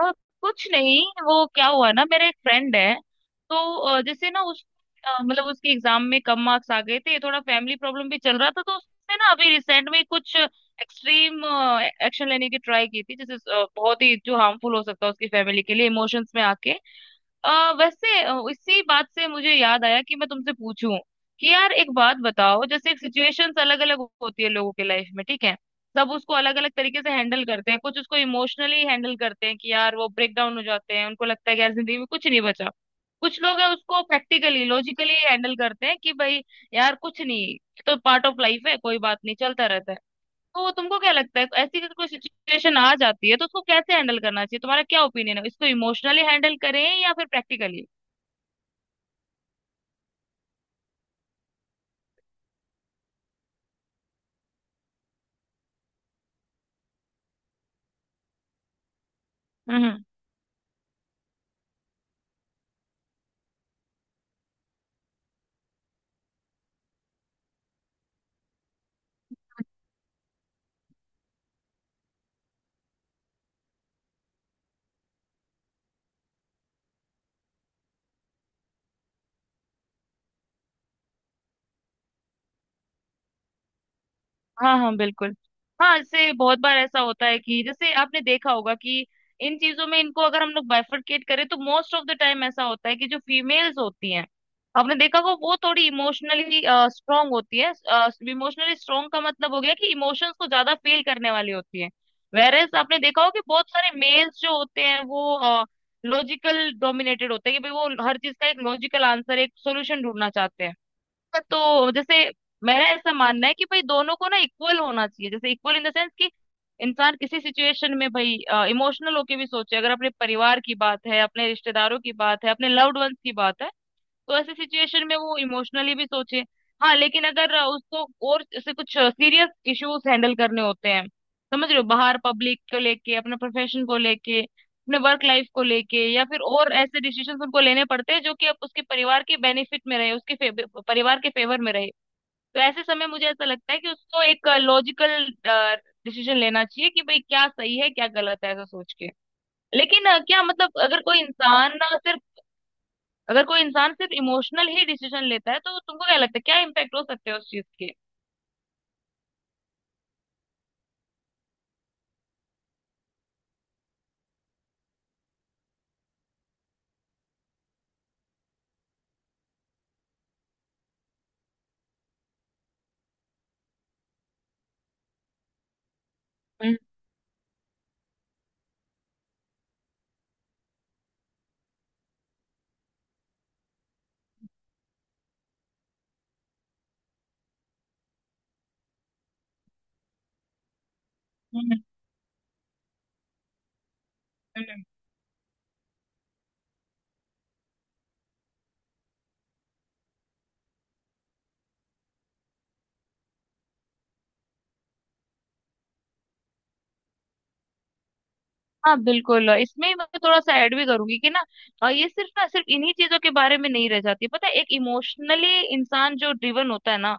अ, कुछ नहीं, वो क्या हुआ ना, मेरा एक फ्रेंड है। तो जैसे ना उस मतलब उसके एग्जाम में कम मार्क्स आ गए थे, थोड़ा फैमिली प्रॉब्लम भी चल रहा था, तो उसने ना अभी रिसेंट में कुछ एक्सट्रीम एक्शन लेने की ट्राई की थी। जैसे बहुत ही जो हार्मफुल हो सकता है उसकी फैमिली के लिए, इमोशंस में आके। वैसे इसी बात से मुझे याद आया कि मैं तुमसे पूछूं कि यार एक बात बताओ, जैसे एक सिचुएशंस अलग अलग होती है लोगों के लाइफ में, ठीक है। सब उसको अलग अलग तरीके से हैंडल करते हैं। कुछ उसको इमोशनली हैंडल करते हैं कि यार वो ब्रेक डाउन हो जाते हैं, उनको लगता है कि यार जिंदगी में कुछ नहीं बचा। कुछ लोग हैं उसको प्रैक्टिकली लॉजिकली हैंडल करते हैं कि भाई यार कुछ नहीं, ये तो पार्ट ऑफ लाइफ है, कोई बात नहीं, चलता रहता है। तो तुमको क्या लगता है, ऐसी अगर कोई सिचुएशन आ जाती है तो उसको कैसे हैंडल करना चाहिए? तुम्हारा क्या ओपिनियन है, इसको इमोशनली हैंडल करें या फिर प्रैक्टिकली? हाँ हाँ बिल्कुल। हाँ, इससे बहुत बार ऐसा होता है कि जैसे आपने देखा होगा कि इन चीजों में इनको अगर हम लोग बाइफरकेट करें तो मोस्ट ऑफ द टाइम ऐसा होता है कि जो फीमेल्स होती हैं, आपने देखा होगा वो थोड़ी इमोशनली स्ट्रांग होती है। इमोशनली स्ट्रांग का मतलब हो गया कि इमोशंस को ज्यादा फील करने वाली होती है। वेरएस आपने देखा होगा कि बहुत सारे मेल्स जो होते हैं वो लॉजिकल डोमिनेटेड होते हैं कि भाई वो हर चीज का एक लॉजिकल आंसर, एक सोल्यूशन ढूंढना चाहते हैं। तो जैसे मेरा ऐसा मानना है कि भाई दोनों को ना इक्वल होना चाहिए। जैसे इक्वल इन द सेंस कि इंसान किसी सिचुएशन में भाई इमोशनल होके भी सोचे, अगर अपने परिवार की बात है, अपने रिश्तेदारों की बात है, अपने लव्ड वंस की बात है, तो ऐसे सिचुएशन में वो इमोशनली भी सोचे। हाँ लेकिन अगर उसको और ऐसे कुछ सीरियस इश्यूज हैंडल करने होते हैं, समझ रहे हो, बाहर पब्लिक को लेके, अपने प्रोफेशन को लेके, अपने वर्क लाइफ को लेके, या फिर और ऐसे डिसीजन उनको लेने पड़ते हैं जो कि अब उसके परिवार के बेनिफिट में रहे, उसके परिवार के फेवर में रहे, तो ऐसे समय मुझे ऐसा लगता है कि उसको एक लॉजिकल डिसीजन लेना चाहिए कि भाई क्या सही है क्या गलत है, ऐसा सोच के। लेकिन क्या मतलब अगर कोई इंसान ना सिर्फ, अगर कोई इंसान सिर्फ इमोशनल ही डिसीजन लेता है तो तुमको क्या लगता है क्या इम्पैक्ट हो सकते हैं उस चीज के? हम्म, हम्म, हम्म। हाँ बिल्कुल। इसमें ही मैं थोड़ा सा ऐड भी करूंगी कि ना, ये सिर्फ ना सिर्फ इन्हीं चीजों के बारे में नहीं रह जाती, पता है? एक इमोशनली इंसान जो ड्रिवन होता है ना,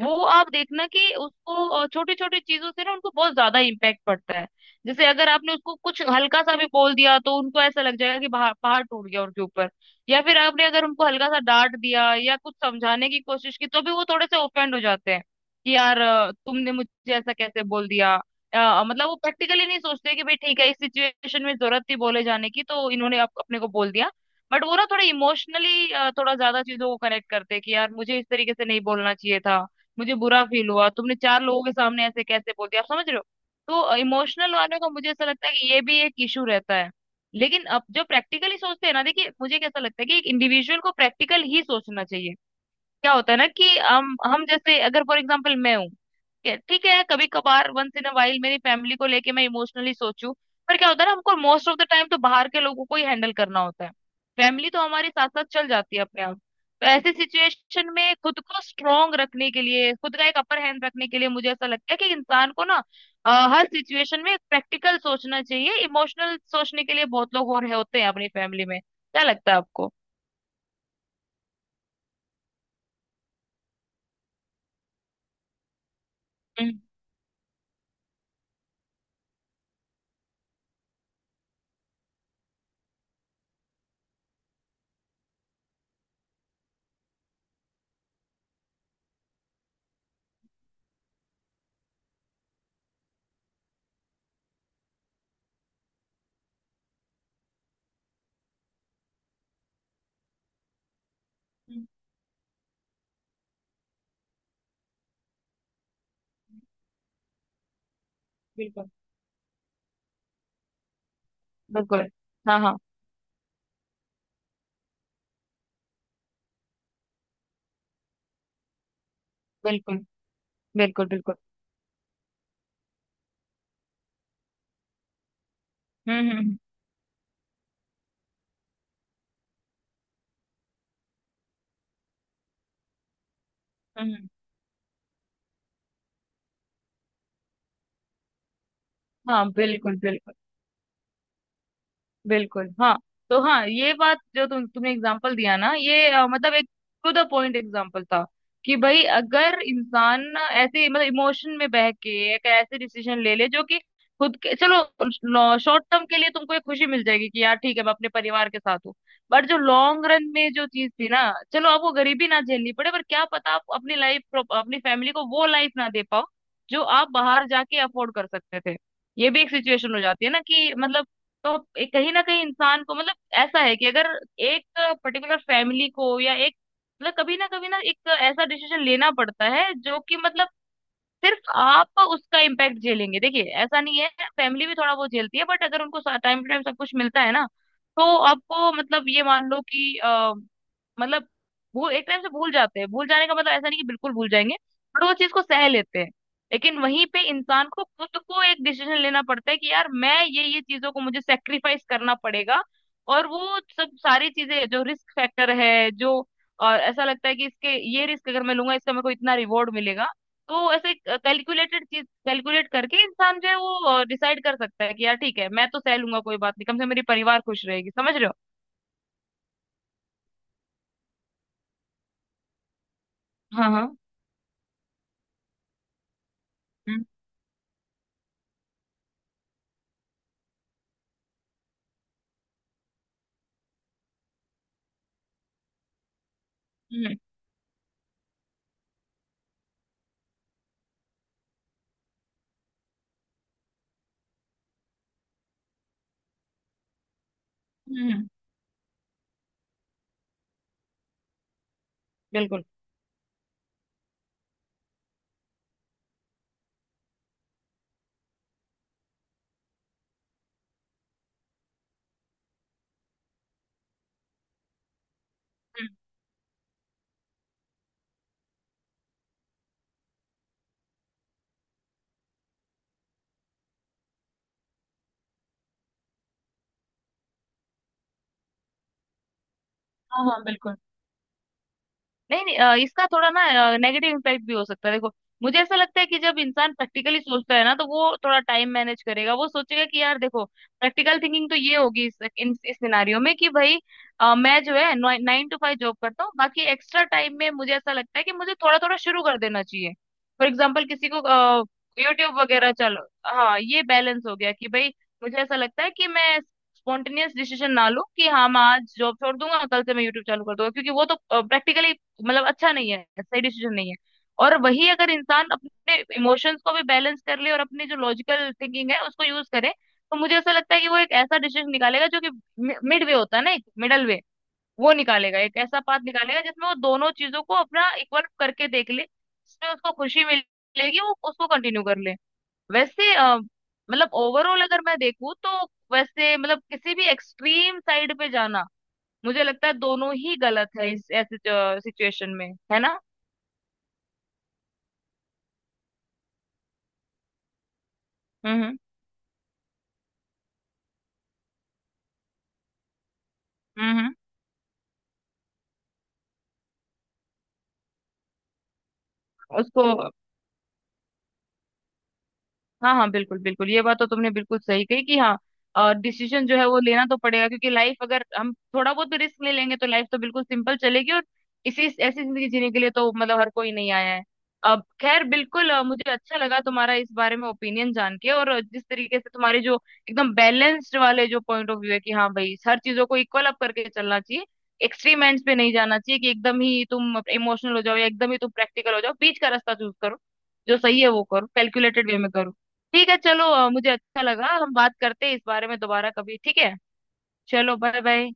वो आप देखना कि उसको छोटी छोटी चीजों से ना, उनको बहुत ज्यादा इम्पैक्ट पड़ता है। जैसे अगर आपने उसको कुछ हल्का सा भी बोल दिया तो उनको ऐसा लग जाएगा कि बाहर पहाड़ टूट गया उनके ऊपर। या फिर आपने अगर उनको हल्का सा डांट दिया या कुछ समझाने की कोशिश की तो भी वो थोड़े से ओफेंड हो जाते हैं कि यार तुमने मुझे ऐसा कैसे बोल दिया। मतलब वो प्रैक्टिकली नहीं सोचते कि भाई ठीक है, इस सिचुएशन में जरूरत थी बोले जाने की तो इन्होंने अपने को बोल दिया। बट वो ना थोड़ा इमोशनली, थोड़ा ज्यादा चीजों को कनेक्ट करते हैं कि यार मुझे इस तरीके से नहीं बोलना चाहिए था, मुझे बुरा फील हुआ, तुमने चार लोगों के सामने ऐसे कैसे बोल दिया, आप समझ रहे हो। तो इमोशनल वाले का मुझे ऐसा लगता है कि ये भी एक इशू रहता है। लेकिन अब जो प्रैक्टिकली सोचते हैं ना, देखिए मुझे कैसा लगता है कि एक इंडिविजुअल को प्रैक्टिकल ही सोचना चाहिए। क्या होता है ना कि हम जैसे अगर फॉर एग्जाम्पल मैं हूँ, ठीक है, कभी कभार वंस इन अ वाइल मेरी फैमिली को लेके मैं इमोशनली सोचूं, पर क्या होता है ना, हमको मोस्ट ऑफ द टाइम तो बाहर के लोगों को ही हैंडल करना होता है। फैमिली तो हमारे साथ साथ चल जाती है अपने आप। तो ऐसी सिचुएशन में खुद को स्ट्रांग रखने के लिए, खुद का एक अपर हैंड रखने के लिए मुझे ऐसा लगता है कि इंसान को ना अ, हर सिचुएशन में प्रैक्टिकल सोचना चाहिए। इमोशनल सोचने के लिए बहुत लोग हो रहे होते हैं अपनी फैमिली में। क्या लगता है आपको? हम्म, हम्म, बिल्कुल। बिल्कुल। हाँ हाँ। बिल्कुल बिल्कुल। बिल्कुल। हम्म। हम्म हम्म, हाँ बिल्कुल बिल्कुल। बिल्कुल हाँ। तो हाँ, ये बात जो तुमने एग्जांपल दिया ना, ये मतलब एक टू द पॉइंट एग्जांपल था कि भाई अगर इंसान ऐसे मतलब इमोशन में बह के एक ऐसे डिसीजन ले ले जो कि खुद के, चलो शॉर्ट टर्म के लिए तुमको एक खुशी मिल जाएगी कि यार ठीक है मैं अपने परिवार के साथ हूँ, बट जो लॉन्ग रन में जो चीज थी ना, चलो आपको गरीबी ना झेलनी पड़े, पर क्या पता आप अपनी लाइफ, अपनी फैमिली को वो लाइफ ना दे पाओ जो आप बाहर जाके अफोर्ड कर सकते थे। ये भी एक सिचुएशन हो जाती है ना कि मतलब, तो कहीं ना कहीं इंसान को, मतलब ऐसा है कि अगर एक पर्टिकुलर फैमिली को या एक, मतलब कभी ना कभी ना एक ऐसा डिसीजन लेना पड़ता है जो कि मतलब सिर्फ आप उसका इम्पैक्ट झेलेंगे, देखिए ऐसा नहीं है, फैमिली भी थोड़ा बहुत झेलती है। बट अगर उनको टाइम टू टाइम सब कुछ मिलता है ना, तो आपको मतलब ये मान लो कि मतलब वो एक टाइम से भूल जाते हैं। भूल जाने का मतलब ऐसा नहीं कि बिल्कुल भूल जाएंगे, बट वो चीज को सह लेते हैं। लेकिन वहीं पे इंसान को खुद को एक डिसीजन लेना पड़ता है कि यार मैं ये चीजों को मुझे सेक्रीफाइस करना पड़ेगा, और वो सब सारी चीजें जो रिस्क फैक्टर है, जो, और ऐसा लगता है कि इसके, ये रिस्क अगर मैं लूंगा इसका मेरे को इतना रिवॉर्ड मिलेगा। तो ऐसे कैलकुलेटेड, चीज कैलकुलेट करके इंसान जो है वो डिसाइड कर सकता है कि यार ठीक है मैं तो सह लूंगा कोई बात नहीं, कम से कम मेरी परिवार खुश रहेगी, समझ रहे हो। हाँ हाँ। हम्म हम्म। हम्म, बिल्कुल। हम्म, हाँ हाँ बिल्कुल। नहीं नहीं, इसका थोड़ा ना नेगेटिव इम्पैक्ट भी हो सकता है, देखो मुझे ऐसा लगता है कि जब इंसान प्रैक्टिकली सोचता है ना, तो वो थोड़ा टाइम मैनेज करेगा। वो सोचेगा कि यार देखो प्रैक्टिकल थिंकिंग तो ये होगी इस इस सिनारियो में, कि भाई मैं जो है नाइन टू फाइव जॉब करता हूँ, बाकी एक्स्ट्रा टाइम में मुझे ऐसा लगता है कि मुझे थोड़ा थोड़ा शुरू कर देना चाहिए। फॉर एग्जाम्पल किसी को यूट्यूब वगैरह, चलो हाँ ये बैलेंस हो गया कि भाई मुझे ऐसा लगता है कि मैं स्पॉन्टेनियस डिसीजन ना लूं कि हाँ मैं आज जॉब छोड़ दूंगा, कल से मैं यूट्यूब चालू कर दूंगा, क्योंकि वो तो प्रैक्टिकली मतलब अच्छा नहीं है, सही डिसीजन नहीं है। और वही अगर इंसान अपने इमोशंस को भी बैलेंस कर ले और अपनी जो लॉजिकल थिंकिंग है उसको यूज करे, तो मुझे ऐसा लगता है कि वो एक ऐसा डिसीजन निकालेगा जो कि मिड वे होता है ना, एक मिडल वे वो निकालेगा, एक ऐसा पाथ निकालेगा जिसमें वो दोनों चीजों को अपना इक्वल करके देख ले, जिसमें उसको खुशी मिलेगी वो उसको कंटिन्यू कर ले। वैसे मतलब ओवरऑल अगर मैं देखूँ तो वैसे मतलब किसी भी एक्सट्रीम साइड पे जाना मुझे लगता है दोनों ही गलत है इस ऐसे सिचुएशन में, है ना। हम्म हम्म। हम्म उसको हाँ हाँ बिल्कुल बिल्कुल, ये बात तो तुमने बिल्कुल सही कही कि हाँ, और डिसीजन जो है वो लेना तो पड़ेगा क्योंकि लाइफ, अगर हम थोड़ा बहुत भी रिस्क ले लेंगे तो लाइफ तो बिल्कुल सिंपल चलेगी, और इसी ऐसी जिंदगी जीने के लिए तो मतलब हर कोई नहीं आया है। अब खैर बिल्कुल, मुझे अच्छा लगा तुम्हारा इस बारे में ओपिनियन जान के, और जिस तरीके से तुम्हारे जो एकदम बैलेंस्ड वाले जो पॉइंट ऑफ व्यू है कि हाँ भाई हर चीजों को इक्वल अप करके चलना चाहिए, एक्सट्रीम एंड्स पे नहीं जाना चाहिए, कि एकदम ही तुम इमोशनल हो जाओ या एकदम ही तुम प्रैक्टिकल हो जाओ, बीच का रास्ता चूज करो, जो सही है वो करो, कैलकुलेटेड वे में करो। ठीक है चलो, मुझे अच्छा लगा। हम बात करते हैं इस बारे में दोबारा कभी, ठीक है। चलो बाय बाय।